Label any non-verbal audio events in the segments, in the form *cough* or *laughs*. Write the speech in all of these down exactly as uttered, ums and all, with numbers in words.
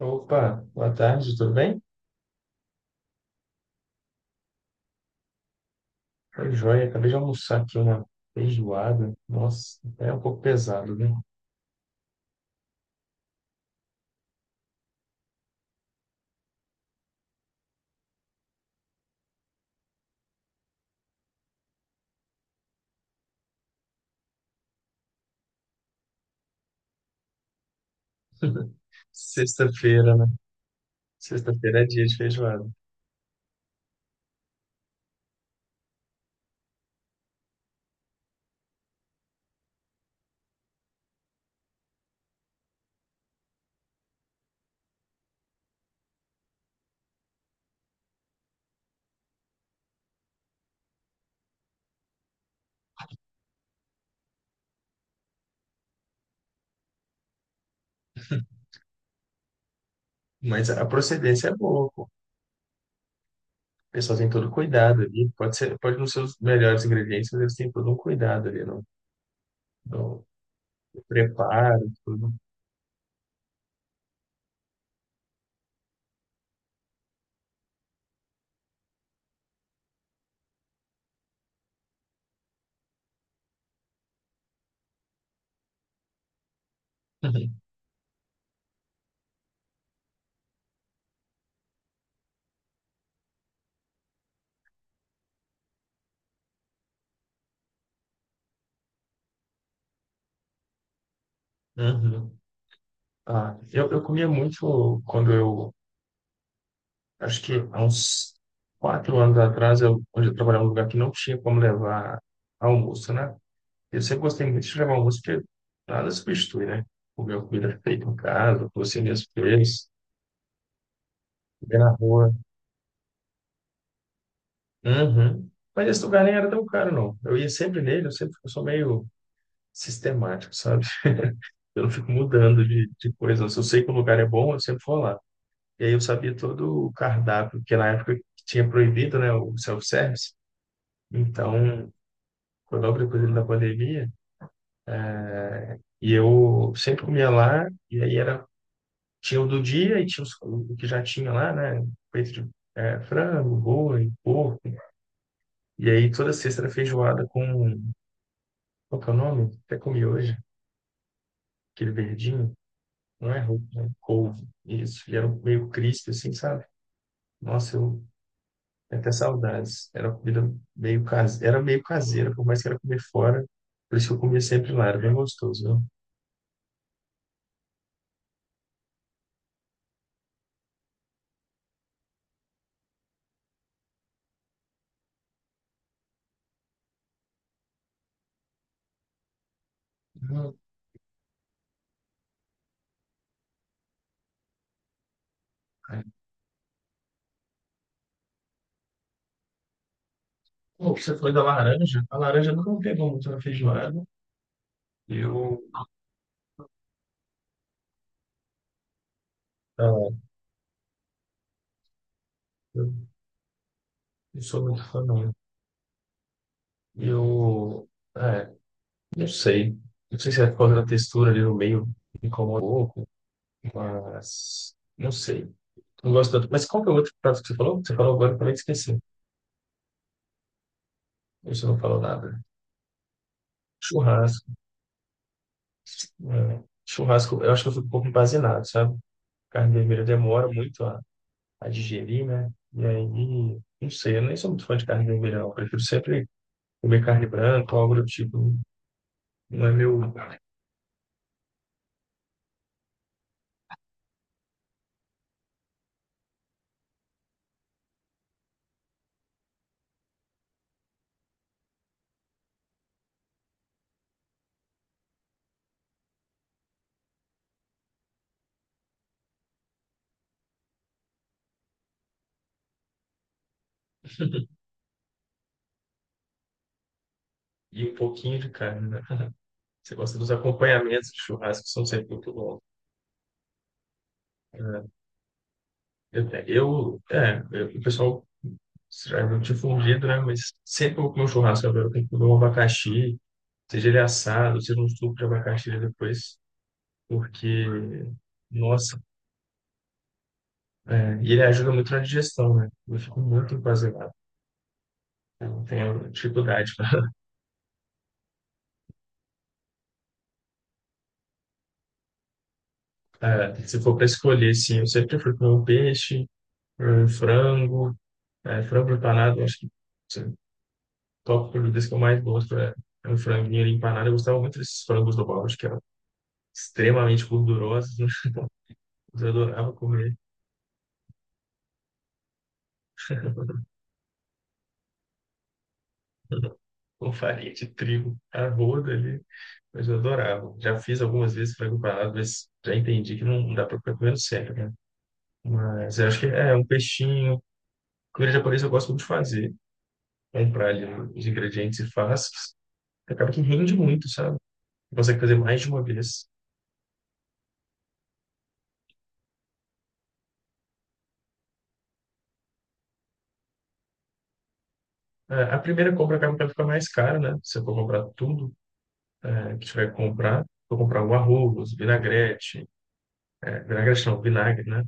Opa, boa tarde, tudo bem? Foi joia, acabei de almoçar aqui uma feijoada. Nossa, é um pouco pesado, né? *laughs* Sexta-feira, né? Sexta-feira é dia de feijoada. Mas a procedência é boa, pô. O pessoal tem todo o cuidado ali. Pode ser, pode não ser os melhores ingredientes, mas eles têm todo um cuidado ali no, no preparo, tudo. *laughs* Uhum. Ah, eu, eu comia muito quando eu acho que há uns quatro anos atrás, eu, onde eu trabalhava num lugar que não tinha como levar almoço, né? Eu sempre gostei muito de levar almoço, porque nada substitui, né? Comer uma comida feita em casa, você mesmo fez, comer na rua. Uhum. Mas esse lugar nem era tão caro, não. Eu ia sempre nele, eu sempre eu sou meio sistemático, sabe? Eu não fico mudando de, de coisa. Se eu sei que o lugar é bom, eu sempre vou lá. E aí eu sabia todo o cardápio, porque na época tinha proibido, né, o self-service. Então, foi logo depois ali da pandemia. E eu sempre comia lá, e aí era, tinha o do dia e tinha os- o que já tinha lá, né? Peito de é, frango, boi, porco. E aí toda sexta era feijoada com, qual que é o nome? Até comi hoje, aquele verdinho. Não é roupa, né? Couve. Isso. E era um meio crisp, assim, sabe? Nossa, eu tenho até saudades. Era uma comida meio caseira, era meio caseira, por mais que era comer fora. Por isso que eu comia sempre lá, era bem gostoso, viu? Hum. Pô, você falou da laranja. A laranja nunca me pegou muito na feijoada. Eu, ah, eu não sou muito fã, não. Eu, é, não sei. Não sei se é por causa da textura ali no meio me incomoda um pouco, mas não sei. Não gosto tanto. Mas qual que é o outro prato que você falou? Você falou agora, eu também esqueci. Você não falou nada. Churrasco. É. Churrasco, eu acho que eu fico um pouco embazinado, sabe? Carne vermelha demora muito a, a digerir, né? E aí, não sei, eu nem sou muito fã de carne vermelha, não. Eu prefiro sempre comer carne branca, algo do tipo, não é meu. E um pouquinho de carne, né? Você gosta dos acompanhamentos de churrasco, que são sempre muito bons, né? Eu, é, eu- é, eu- o pessoal já não difundido, né? Mas sempre vou comer um churrasco agora, eu tenho que comer um abacaxi, seja ele assado, seja um suco de abacaxi depois, porque, nossa, é, e ele ajuda muito na digestão, né? Eu fico muito empazelado, eu tenho dificuldade. *laughs* É, se for para escolher, sim, eu sempre fui comer um peixe, um frango. É, frango empanado, acho que assim, top produtos que eu mais gosto é, é um franguinho ali empanado. Eu gostava muito desses frangos do Bob's, que eram extremamente gordurosos, né? Eu adorava comer *laughs* com farinha de trigo, arroz ali. Mas eu adorava. Já fiz algumas vezes frango empanado, mas já entendi que não dá para ficar comendo sempre, né? Mas eu acho que é um peixinho. Comida japonesa eu gosto muito de fazer. Comprar ali os ingredientes e faz. Acaba que rende muito, sabe? Você consegue fazer mais de uma vez. É, a primeira compra acaba que ela fica mais cara, né? Se eu for comprar tudo é, que tiver que comprar, vou comprar o arroz, vinagrete, é, vinagrete não, vinagre, né?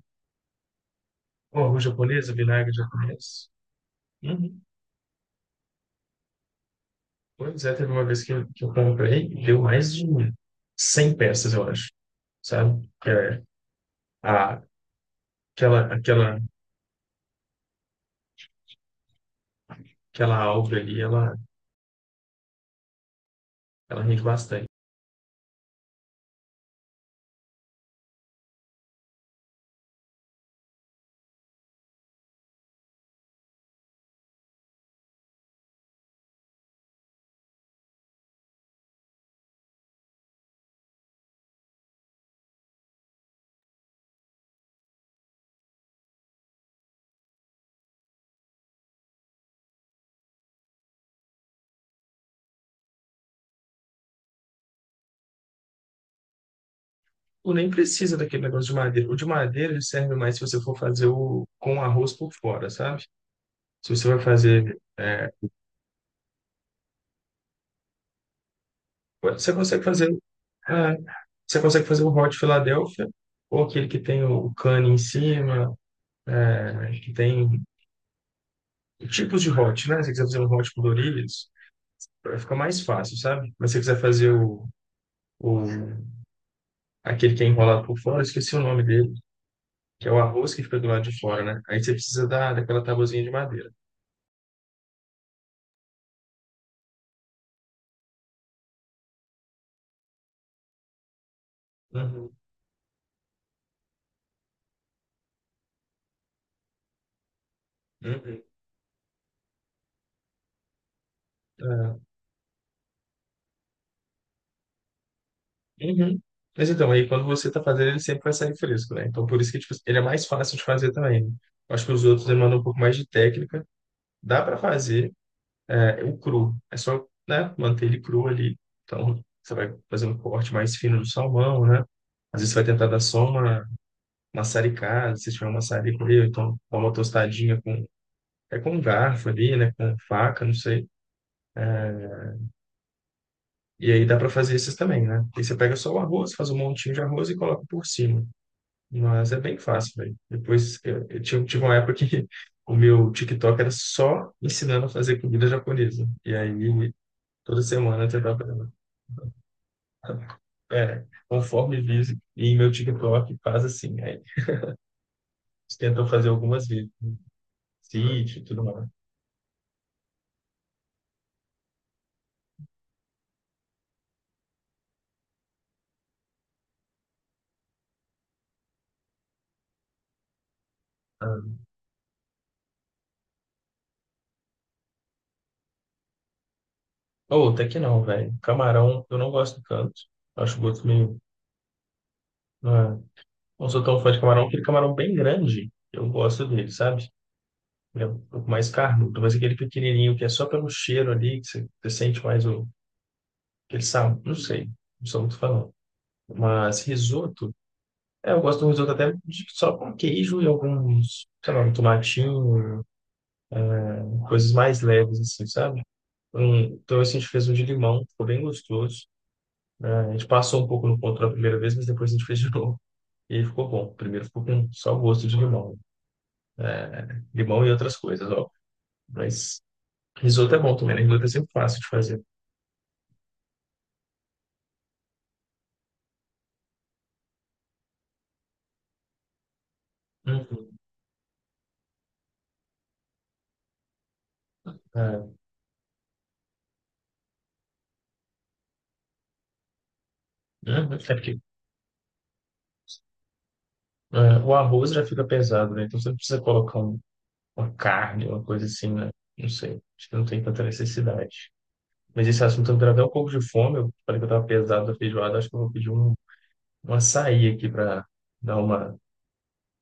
O arroz japonês, vinagre japonês. Uhum. Pois é, teve uma vez que, eu- que eu comprei, deu mais de cem peças, eu acho, sabe? Que é, a, aquela, aquela, aquela alga ali, ela, ela rende bastante. Tu nem precisa daquele negócio de madeira. O de madeira ele serve mais se você for fazer o, com arroz por fora, sabe? Se você vai fazer é, você consegue fazer, é, você consegue fazer o Hot Philadelphia, ou aquele que tem o cane em cima, é, que tem tipos de hot, né? Se você quiser fazer um hot coloridos, vai ficar mais fácil, sabe? Mas se você quiser fazer o, o aquele que é enrolado por fora, eu esqueci o nome dele, que é o arroz que fica do lado de fora, né? Aí você precisa da, daquela tabuzinha de madeira. Uhum, uhum. É. Uhum. Mas então, aí quando você tá fazendo, ele sempre vai sair fresco, né? Então, por isso que tipo, ele é mais fácil de fazer também, né? Eu acho que os outros demandam um pouco mais de técnica. Dá para fazer é, o cru. É só, né, manter ele cru ali. Então, você vai fazer um corte mais fino do salmão, né? Às vezes você vai tentar dar só uma maçaricada, se tiver um maçarico ali, ou então dá uma tostadinha com, é com um garfo ali, né? Com faca, não sei. E aí dá para fazer esses também, né? Aí você pega só o arroz, faz um montinho de arroz e coloca por cima. Mas é bem fácil, velho. Depois eu, eu tive, tive uma época que *laughs* o meu TikTok era só ensinando a fazer comida japonesa. E aí toda semana eu tentava, *laughs* é, conforme diz, e meu TikTok faz assim. Aí eles tentam fazer algumas vezes, sítio e tudo mais. Ah. Ou até que não, velho. Camarão, eu não gosto tanto. Acho o gosto meio. Não, é- não sou tão fã de camarão, aquele camarão bem grande. Eu gosto dele, sabe? Ele é um pouco mais carnudo, mas aquele pequenininho que é só pelo cheiro ali, que você, você sente mais o, aquele sabor, não sei, não sou muito falando. Mas risoto, é, eu gosto do risoto até de- só com queijo e alguns, sei lá, um tomatinho, coisas mais leves assim, sabe? Um, então assim, a gente fez um de limão, ficou bem gostoso. A gente passou um pouco no ponto da primeira vez, mas depois a gente fez de *laughs* novo. E aí ficou bom. Primeiro ficou com só o gosto de limão. Limão e outras coisas, ó. Mas risoto é bom também, né? Risoto é sempre fácil de fazer. Uhum, né? É porque é, o arroz já fica pesado, né? Então você não precisa colocar um- uma carne, uma coisa assim, né? Não sei. Acho que não tem tanta necessidade. Mas esse assunto me deu até um pouco de fome. Eu falei que eu estava pesado da feijoada. Acho que eu vou pedir um, um açaí aqui para dar uma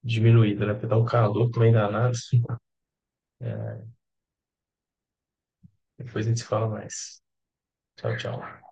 diminuída, né? Porque tá um calor também danado. *laughs* É, depois a gente se fala mais. Tchau, tchau.